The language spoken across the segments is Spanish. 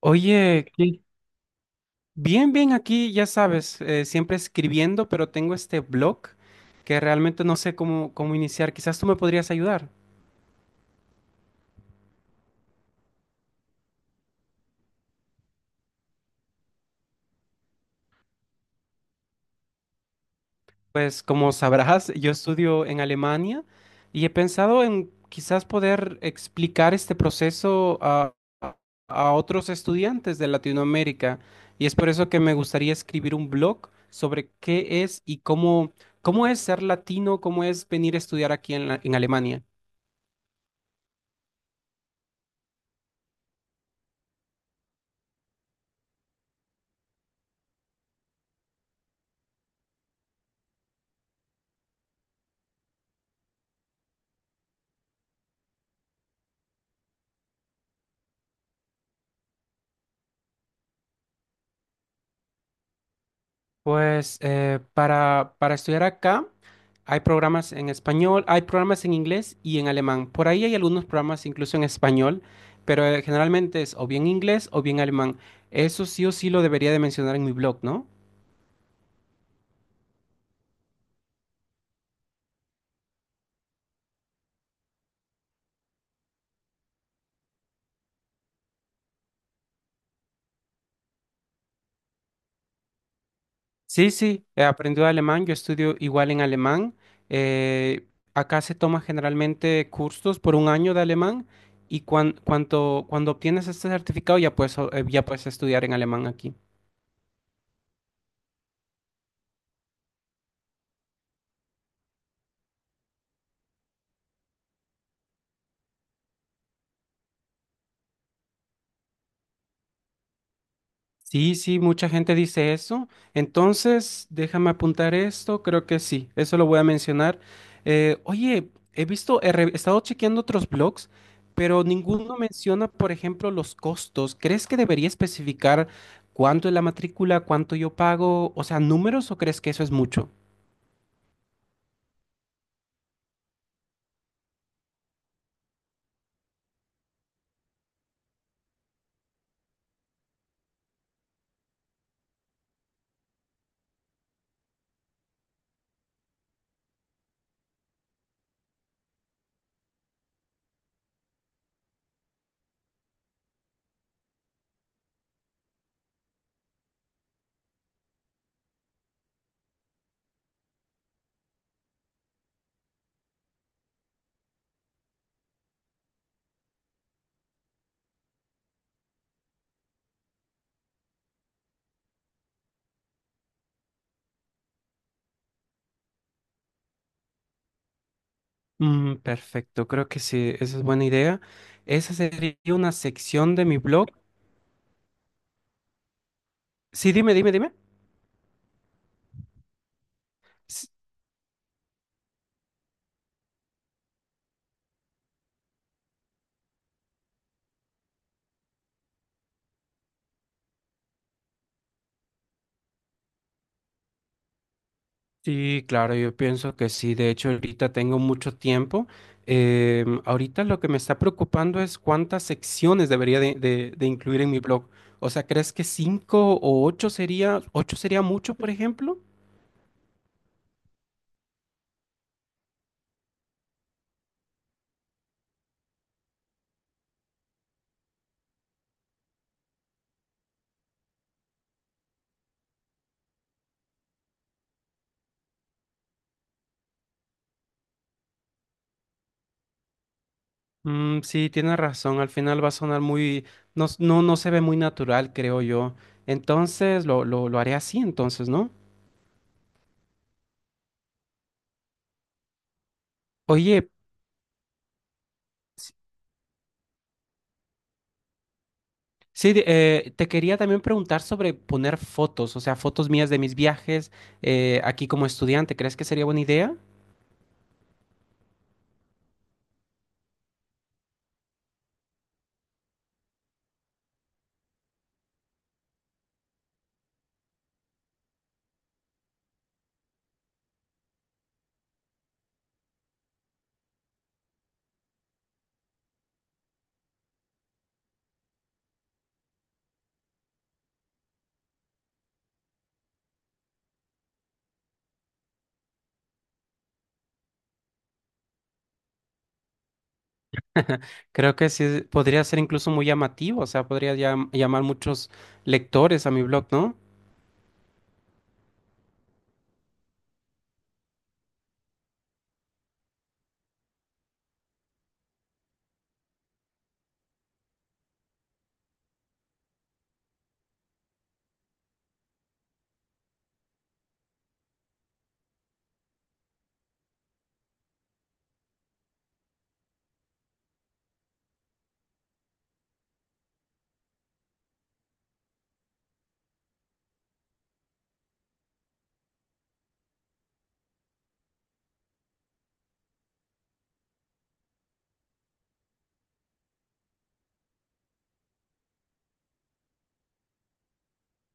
Oye, bien, bien aquí, ya sabes, siempre escribiendo, pero tengo este blog que realmente no sé cómo iniciar. Quizás tú me podrías ayudar. Pues como sabrás, yo estudio en Alemania y he pensado en quizás poder explicar este proceso a otros estudiantes de Latinoamérica. Y es por eso que me gustaría escribir un blog sobre qué es y cómo es ser latino, cómo es venir a estudiar aquí en en Alemania. Pues para estudiar acá hay programas en español, hay programas en inglés y en alemán. Por ahí hay algunos programas incluso en español, pero generalmente es o bien inglés o bien alemán. Eso sí o sí lo debería de mencionar en mi blog, ¿no? Sí, sí, aprendí alemán, yo estudio igual en alemán. eh, Acá se toma generalmente cursos por un año de alemán y cuando obtienes este certificado ya puedes, ya puedes estudiar en alemán aquí. Sí, sí, mucha gente dice eso. Entonces, déjame apuntar esto, creo que sí, eso lo voy a mencionar. Oye, he visto, he estado chequeando otros blogs, pero ninguno menciona, por ejemplo, los costos. ¿Crees que debería especificar cuánto es la matrícula, cuánto yo pago? O sea, ¿números o crees que eso es mucho? Mm, perfecto, creo que sí, esa es buena idea. Esa sería una sección de mi blog. Sí, dime, dime, dime. Sí, claro, yo pienso que sí. De hecho, ahorita tengo mucho tiempo. Ahorita lo que me está preocupando es cuántas secciones debería de incluir en mi blog. O sea, ¿crees que cinco o ocho sería mucho, por ejemplo? Mm, sí, tienes razón. Al final va a sonar muy, no, no se ve muy natural, creo yo. Entonces, lo haré así, entonces, ¿no? Oye, sí, te quería también preguntar sobre poner fotos, o sea, fotos mías de mis viajes aquí como estudiante. ¿Crees que sería buena idea? Creo que sí, podría ser incluso muy llamativo, o sea, podría llamar muchos lectores a mi blog, ¿no?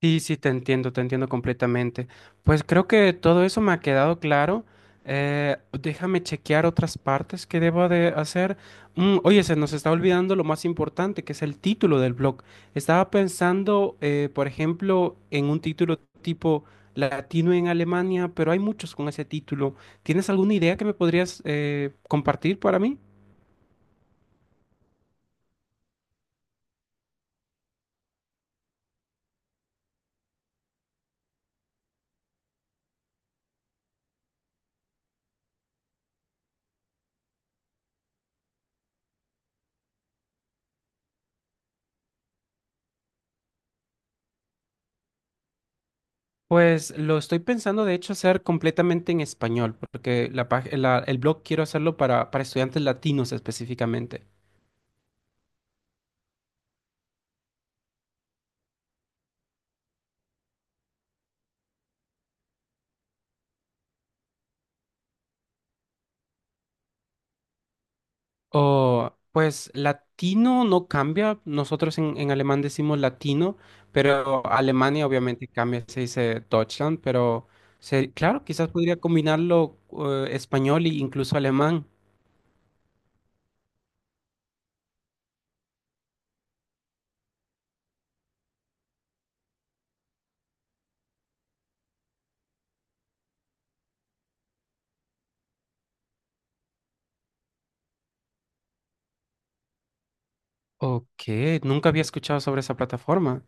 Sí, sí, te entiendo completamente. Pues creo que todo eso me ha quedado claro. Déjame chequear otras partes que debo de hacer. Mm, oye, se nos está olvidando lo más importante, que es el título del blog. Estaba pensando, por ejemplo, en un título tipo Latino en Alemania, pero hay muchos con ese título. ¿Tienes alguna idea que me podrías compartir para mí? Pues lo estoy pensando, de hecho, hacer completamente en español, porque el blog quiero hacerlo para estudiantes latinos específicamente. O, pues latino no cambia, nosotros en alemán decimos latino, pero Alemania obviamente cambia, se dice Deutschland, pero claro, quizás podría combinarlo español e incluso alemán. Ok, nunca había escuchado sobre esa plataforma.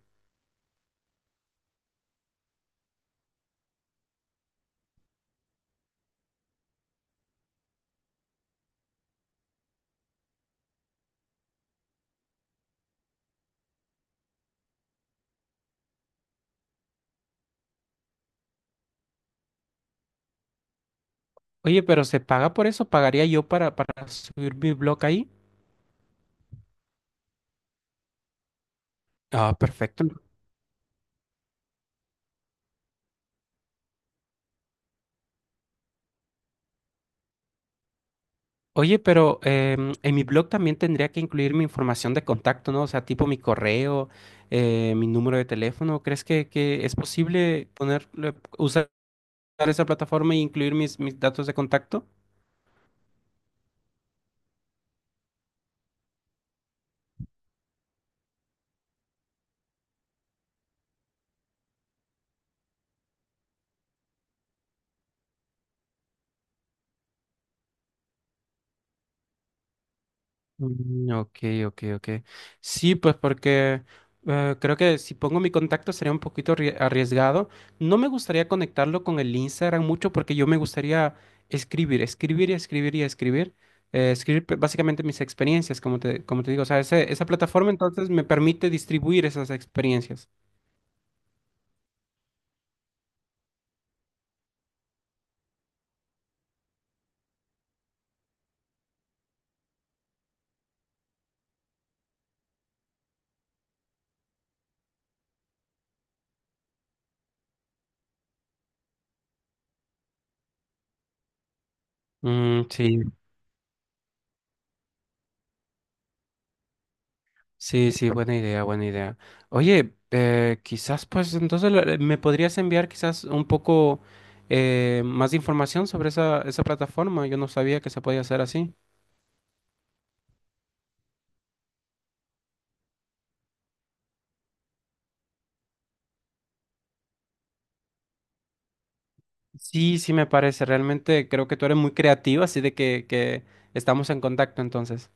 Oye, pero ¿se paga por eso? ¿Pagaría yo para subir mi blog ahí? Ah, perfecto. Oye, pero en mi blog también tendría que incluir mi información de contacto, ¿no? O sea, tipo mi correo, mi número de teléfono. ¿Crees que es posible poner, usar esa plataforma e incluir mis datos de contacto? Mm, ok, ok, ok. Sí, pues porque creo que si pongo mi contacto sería un poquito arriesgado. No me gustaría conectarlo con el Instagram mucho porque yo me gustaría escribir, escribir y escribir y escribir. Escribir básicamente mis experiencias, como te digo. O sea, esa plataforma entonces me permite distribuir esas experiencias. Mm, sí. Sí, sí, buena idea, buena idea. Oye, quizás pues entonces me podrías enviar quizás un poco más de información sobre esa plataforma. Yo no sabía que se podía hacer así. Sí, sí me parece. Realmente creo que tú eres muy creativa, así de que estamos en contacto entonces.